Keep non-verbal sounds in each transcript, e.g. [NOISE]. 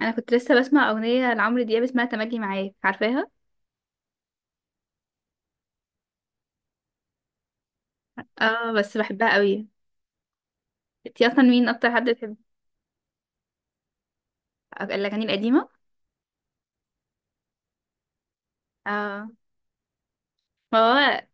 انا كنت لسه بسمع اغنيه لعمرو دياب اسمها تملي معاك. عارفاها؟ اه، بس بحبها قوي. انتي اصلا مين اكتر حد بتحب؟ الاغاني القديمه. اه، ما هو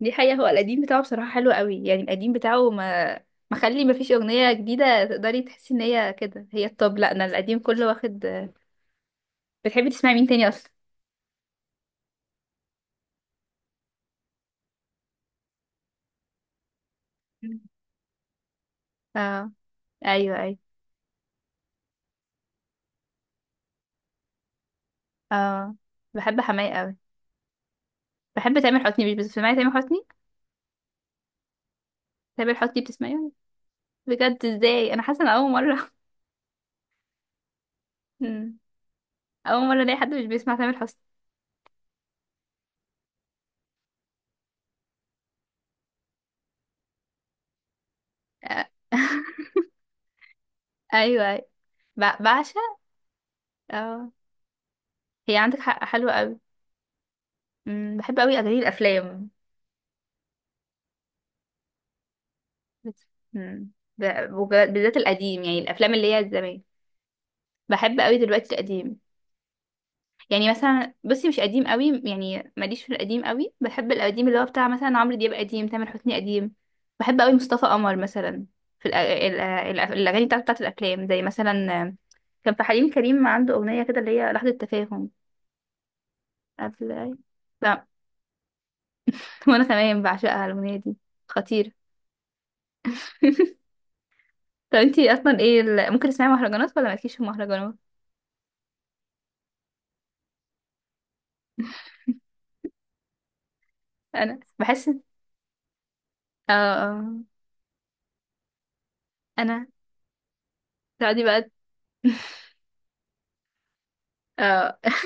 دي حقيقه، هو القديم بتاعه بصراحه حلو قوي، يعني القديم بتاعه ما مخلي ما فيش اغنيه جديده تقدري تحسي ان هي كده هي الطب. لا، انا القديم كله واخد. بتحبي تسمعي مين تاني اصلا؟ مم. اه، ايوه ايوه. اه، بحب حماية قوي. بحب تامر حسني، مش بتسمعي تامر حسني؟ تامر حسني بتسمعيه؟ بجد؟ ازاي، انا حاسه ان اول مره. مم. اول مره الاقي حد مش بيسمع تامر حسني. آه. [LAUGHS] ايوه ايوه، بعشق. اه، هي عندك حق حلوه قوي. بحب قوي اغاني الافلام. بت- أمم، بالذات القديم، يعني الافلام اللي هي زمان. بحب قوي دلوقتي القديم، يعني مثلا بصي، مش قديم قوي، يعني ماليش في القديم قوي، بحب القديم اللي هو بتاع مثلا عمرو دياب قديم، تامر حسني قديم. بحب قوي مصطفى قمر مثلا، في الاغاني بتاعت الافلام، زي مثلا كان في حليم كريم، عنده اغنيه كده اللي هي لحظه تفاهم. قبل أي. لا. [LAUGHS] وأنا كمان بعشقها الأغنية دي، خطيرة. [LAUGHS] طب انتي أصلا ايه ممكن تسمعي مهرجانات ولا مالكيش في المهرجانات؟ [LAUGHS] أنا بحس اه، أنا تقعدي بقى. اه. [LAUGHS]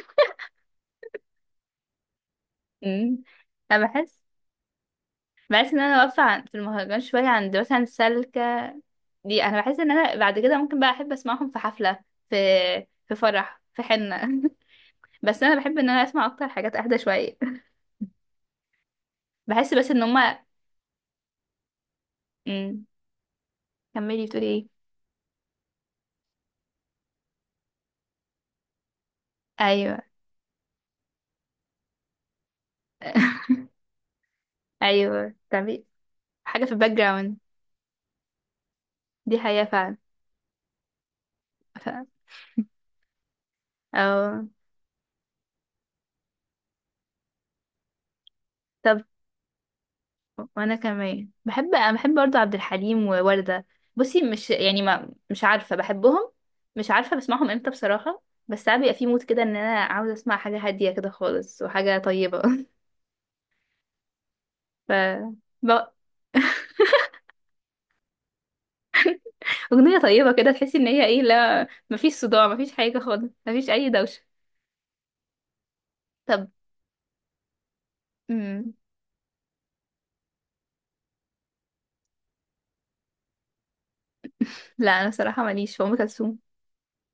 أمم. أنا بحس، بحس إن أنا واقفة في المهرجان شوية، عند مثلا سلكة. دي أنا بحس إن أنا بعد كده ممكن بقى أحب أسمعهم في حفلة، في في فرح في حنة. [LAUGHS] بس أنا بحب إن أنا أسمع أكتر حاجات أهدى شوية. [LAUGHS] بحس بس إن هما. أمم. كملي بتقولي ايه؟ أيوه. [LAUGHS] ايوه تعبير، حاجه في الباك جراوند. دي حقيقه فعلا. ف... أو... طب، وانا كمان بحب، انا بحب برضو عبد الحليم ووردة. بصي مش يعني ما مش عارفه بحبهم، مش عارفه بسمعهم امتى بصراحه، بس ساعات بيبقى في مود كده ان انا عاوزه اسمع حاجه هاديه كده خالص وحاجه طيبه. [LAUGHS] ف ب... اغنيه طيبه كده، تحسي ان هي ايه، لا مفيش صداع، مفيش حاجه خالص، مفيش اي دوشه. طب. مم. لا، انا صراحه ماليش في ام كلثوم.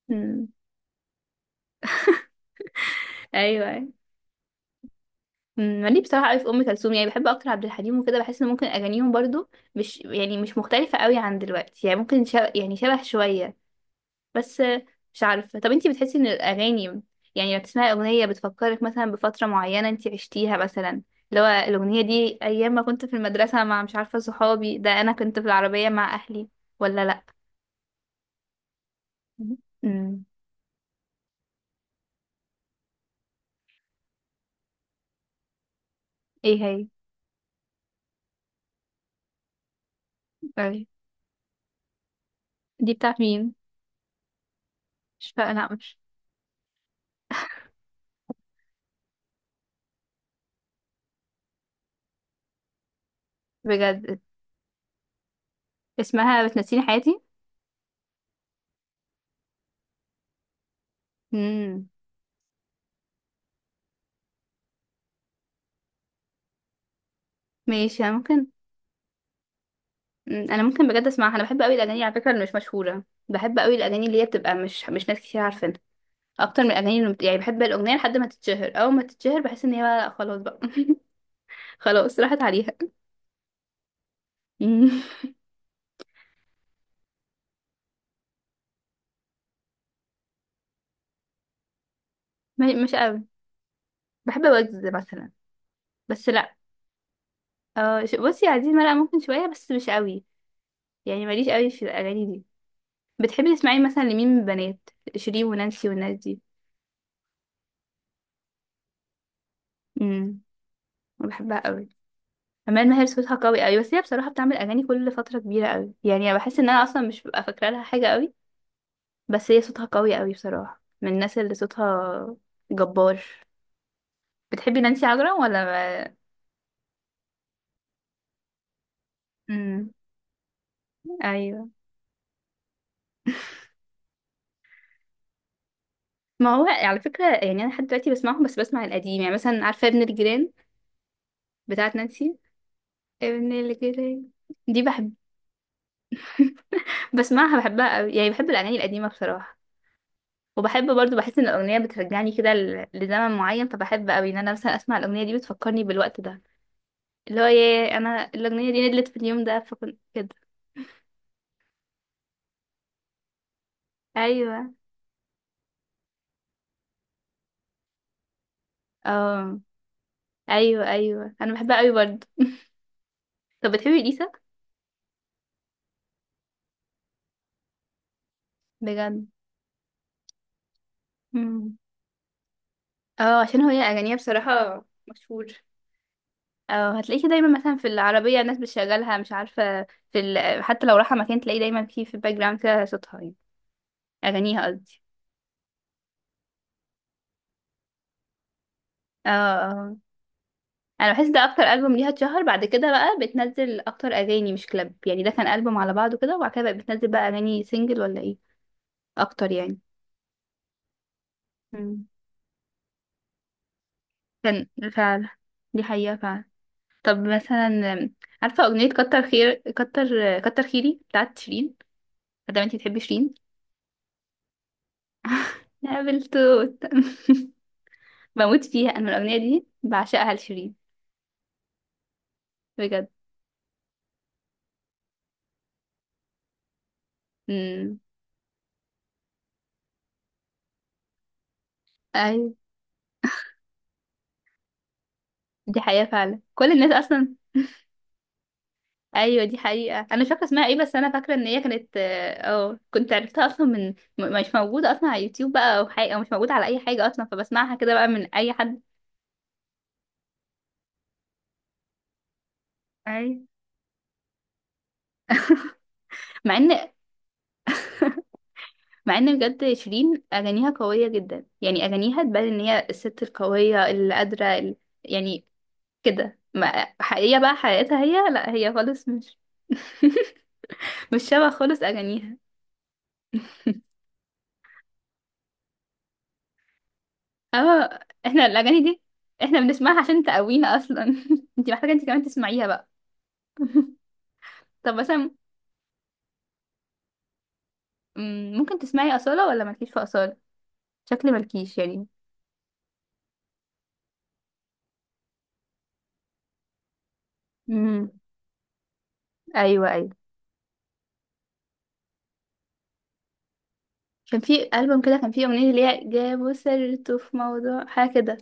مم. ايوه، أيوه. مالي بصراحه قوي في ام كلثوم، يعني بحب اكتر عبد الحليم وكده، بحس ان ممكن اغانيهم برضو مش يعني مش مختلفه قوي عن دلوقتي، يعني ممكن شبه، يعني شبه شويه. بس مش عارفه، طب انتي بتحسي ان الاغاني، يعني لما تسمعي اغنيه بتفكرك مثلا بفتره معينه انتي عشتيها مثلا، اللي هو الاغنيه دي ايام ما كنت في المدرسه مع مش عارفه صحابي ده، انا كنت في العربيه مع اهلي، ولا لا؟ امم ايه هي؟ أي. دي بتاعت مين؟ مش فاكره، لا، مش بجد؟ اسمها بتنسيني حياتي. امم ماشي، أنا ممكن. انا ممكن بجد اسمعها، انا بحب قوي الاغاني على فكره اللي مش مشهوره، بحب قوي الاغاني اللي هي بتبقى مش ناس كتير عارفينها، اكتر من الاغاني اللي يعني بحب الاغنيه لحد ما تتشهر، اول ما تتشهر بحس ان هي بقى لا خلاص بقى. [LAUGHS] خلاص راحت عليها. مم، [LAUGHS] مش قوي. بحب وجز مثلا. بس لا، اه، بصي، يا عزيز مرقه ممكن شويه بس مش قوي، يعني ماليش قوي في الاغاني دي. بتحبي تسمعي مثلا لمين من البنات؟ شيرين ونانسي والناس دي. امم بحبها قوي. أمال ماهر صوتها قوي قوي، بس هي بصراحة بتعمل أغاني كل فترة كبيرة قوي، يعني أنا بحس إن أنا أصلا مش ببقى فاكرة لها حاجة قوي، بس هي صوتها قوي قوي بصراحة، من الناس اللي صوتها جبار. بتحبي نانسي عجرم ولا ما... مم. أيوه. ما هو على فكرة، يعني أنا لحد دلوقتي بسمعهم، بس بسمع القديم، يعني مثلا عارفة ابن الجيران، بتاعت نانسي. ابن الجيران دي بحب، بسمعها بحبها قوي، يعني بحب الأغاني القديمة بصراحة. وبحب برضو، بحس ان الاغنيه بترجعني كده لزمن معين، فبحب قوي ان انا مثلا اسمع الاغنيه دي بتفكرني بالوقت ده، اللي هو ايه انا الاغنيه دي ندلت في اليوم ده، فكنت كده. ايوه. اه. ايوه ايوه، انا بحبها قوي برضه. طب بتحبي اليسا؟ بجد؟ مم. اه، عشان هو اغانيها بصراحه مشهور. اه، هتلاقيه دايما مثلا في العربيه الناس بتشغلها مش عارفه، في حتى لو رايحه مكان تلاقيه دايما في الباك جراوند كده، صوتها يعني، اغانيها قصدي. اه اه، انا بحس ده اكتر البوم ليها اتشهر، بعد كده بقى بتنزل اكتر اغاني مش كلاب، يعني ده كان البوم على بعضه كده، وبعد كده بقى بتنزل بقى اغاني سنجل ولا ايه. اكتر. يعني كان، فعلا، دي حقيقة فعلا. طب مثلا، آم، عارفة أغنية كتر خيري بتاعت شيرين، مادام انتي بتحبي شيرين. [LAUGHS] نقابل توت. [LAUGHS] بموت فيها أنا، من الأغنية دي بعشقها لشيرين. بجد. امم أيوة، دي حقيقة فعلا كل الناس أصلا. أيوة دي حقيقة، أنا مش فاكرة اسمها ايه، بس أنا فاكرة إن هي كانت اه، كنت عرفتها أصلا من، مش موجودة أصلا على يوتيوب بقى أو حاجة، أو مش موجودة على أي حاجة أصلا، فبسمعها كده بقى من أي حد. أيوة. مع ان مع ان بجد، شيرين اغانيها قويه جدا، يعني اغانيها تبان ان هي الست القويه اللي قادره يعني كده، ما حقيقيه، بقى حقيقتها هي لا، هي خالص مش [LAUGHS] مش شبه خالص اغانيها. اه. احنا الاغاني دي، احنا بنسمعها عشان تقوينا اصلا. [LAUGHS] انت محتاجه، انت كمان تسمعيها بقى. طب مثلا، ممكن تسمعي اصاله ولا مالكيش في اصاله؟ شكلي مالكيش يعني. امم ايوه ايوه، كان في البوم كده كان فيه اغنيه اللي هي جابوا سيرته في موضوع حاجه كده.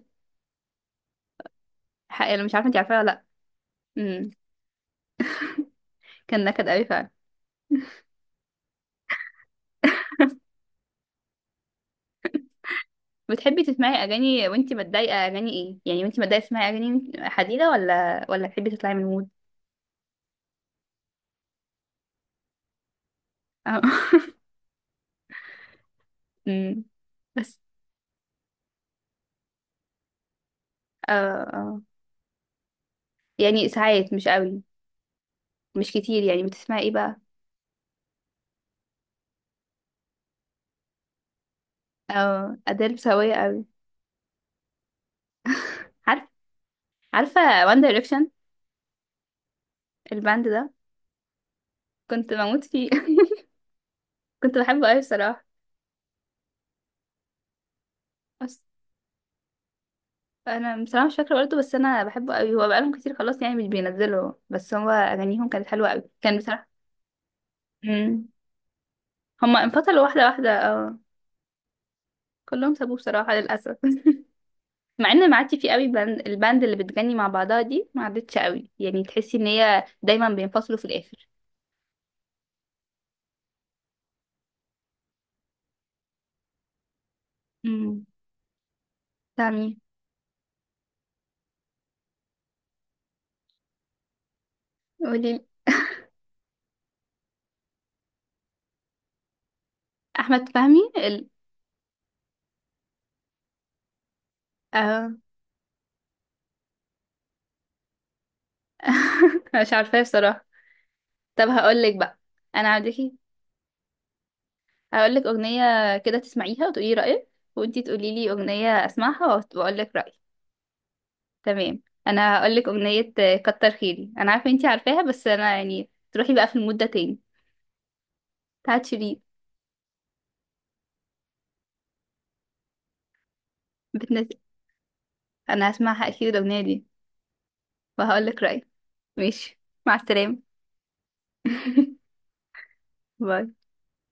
أنا مش عارفه انت عارفاها ولا لا. كان نكد قوي فعلا. بتحبي تسمعي اغاني وانتي متضايقه؟ اغاني ايه يعني وانتي متضايقه؟ تسمعي اغاني حزينه ولا تحبي تطلعي من المود؟ اه. [LAUGHS] أمم. بس، اه اه، يعني ساعات مش قوي، مش كتير، يعني بتسمعي ايه بقى؟ اه، اديل سوية قوي. عارف. عارفه وان دايركشن، الباند ده؟ كنت بموت فيه. [LAUGHS] كنت بحبه قوي بصراحه. بس انا بصراحه مش فاكره برضه، بس انا بحبه قوي، هو بقالهم كتير خلاص يعني مش بينزلوا، بس هو اغانيهم كانت حلوه قوي، كان بصراحه. مم. هما انفصلوا واحدة واحدة، اه، كلهم سابوه بصراحة للأسف. [LAUGHS] مع ان ما عادش فيه قوي الباند، اللي بتغني مع بعضها دي ما عادتش قوي، يعني تحسي ان هي دايما بينفصلوا في الآخر. امم بتاع مين؟ قولي لي. أحمد فهمي اه. [LAUGHS] مش عارفاه بصراحة. طب هقول لك بقى، انا عندكي، هقول لك أغنية كده تسمعيها وتقولي رأيك، وانتي تقولي لي أغنية اسمعها واقول لك رأيي. تمام، انا هقول لك أغنية: كتر خيري، انا عارفة انتي عارفاها، بس انا يعني تروحي بقى في المود ده تاني، بتاعت شيرين. بتنزل. انا هسمعها اكيد الاغنيه دي، وهقول لك رايي. ماشي. مع السلامه. [LAUGHS] باي.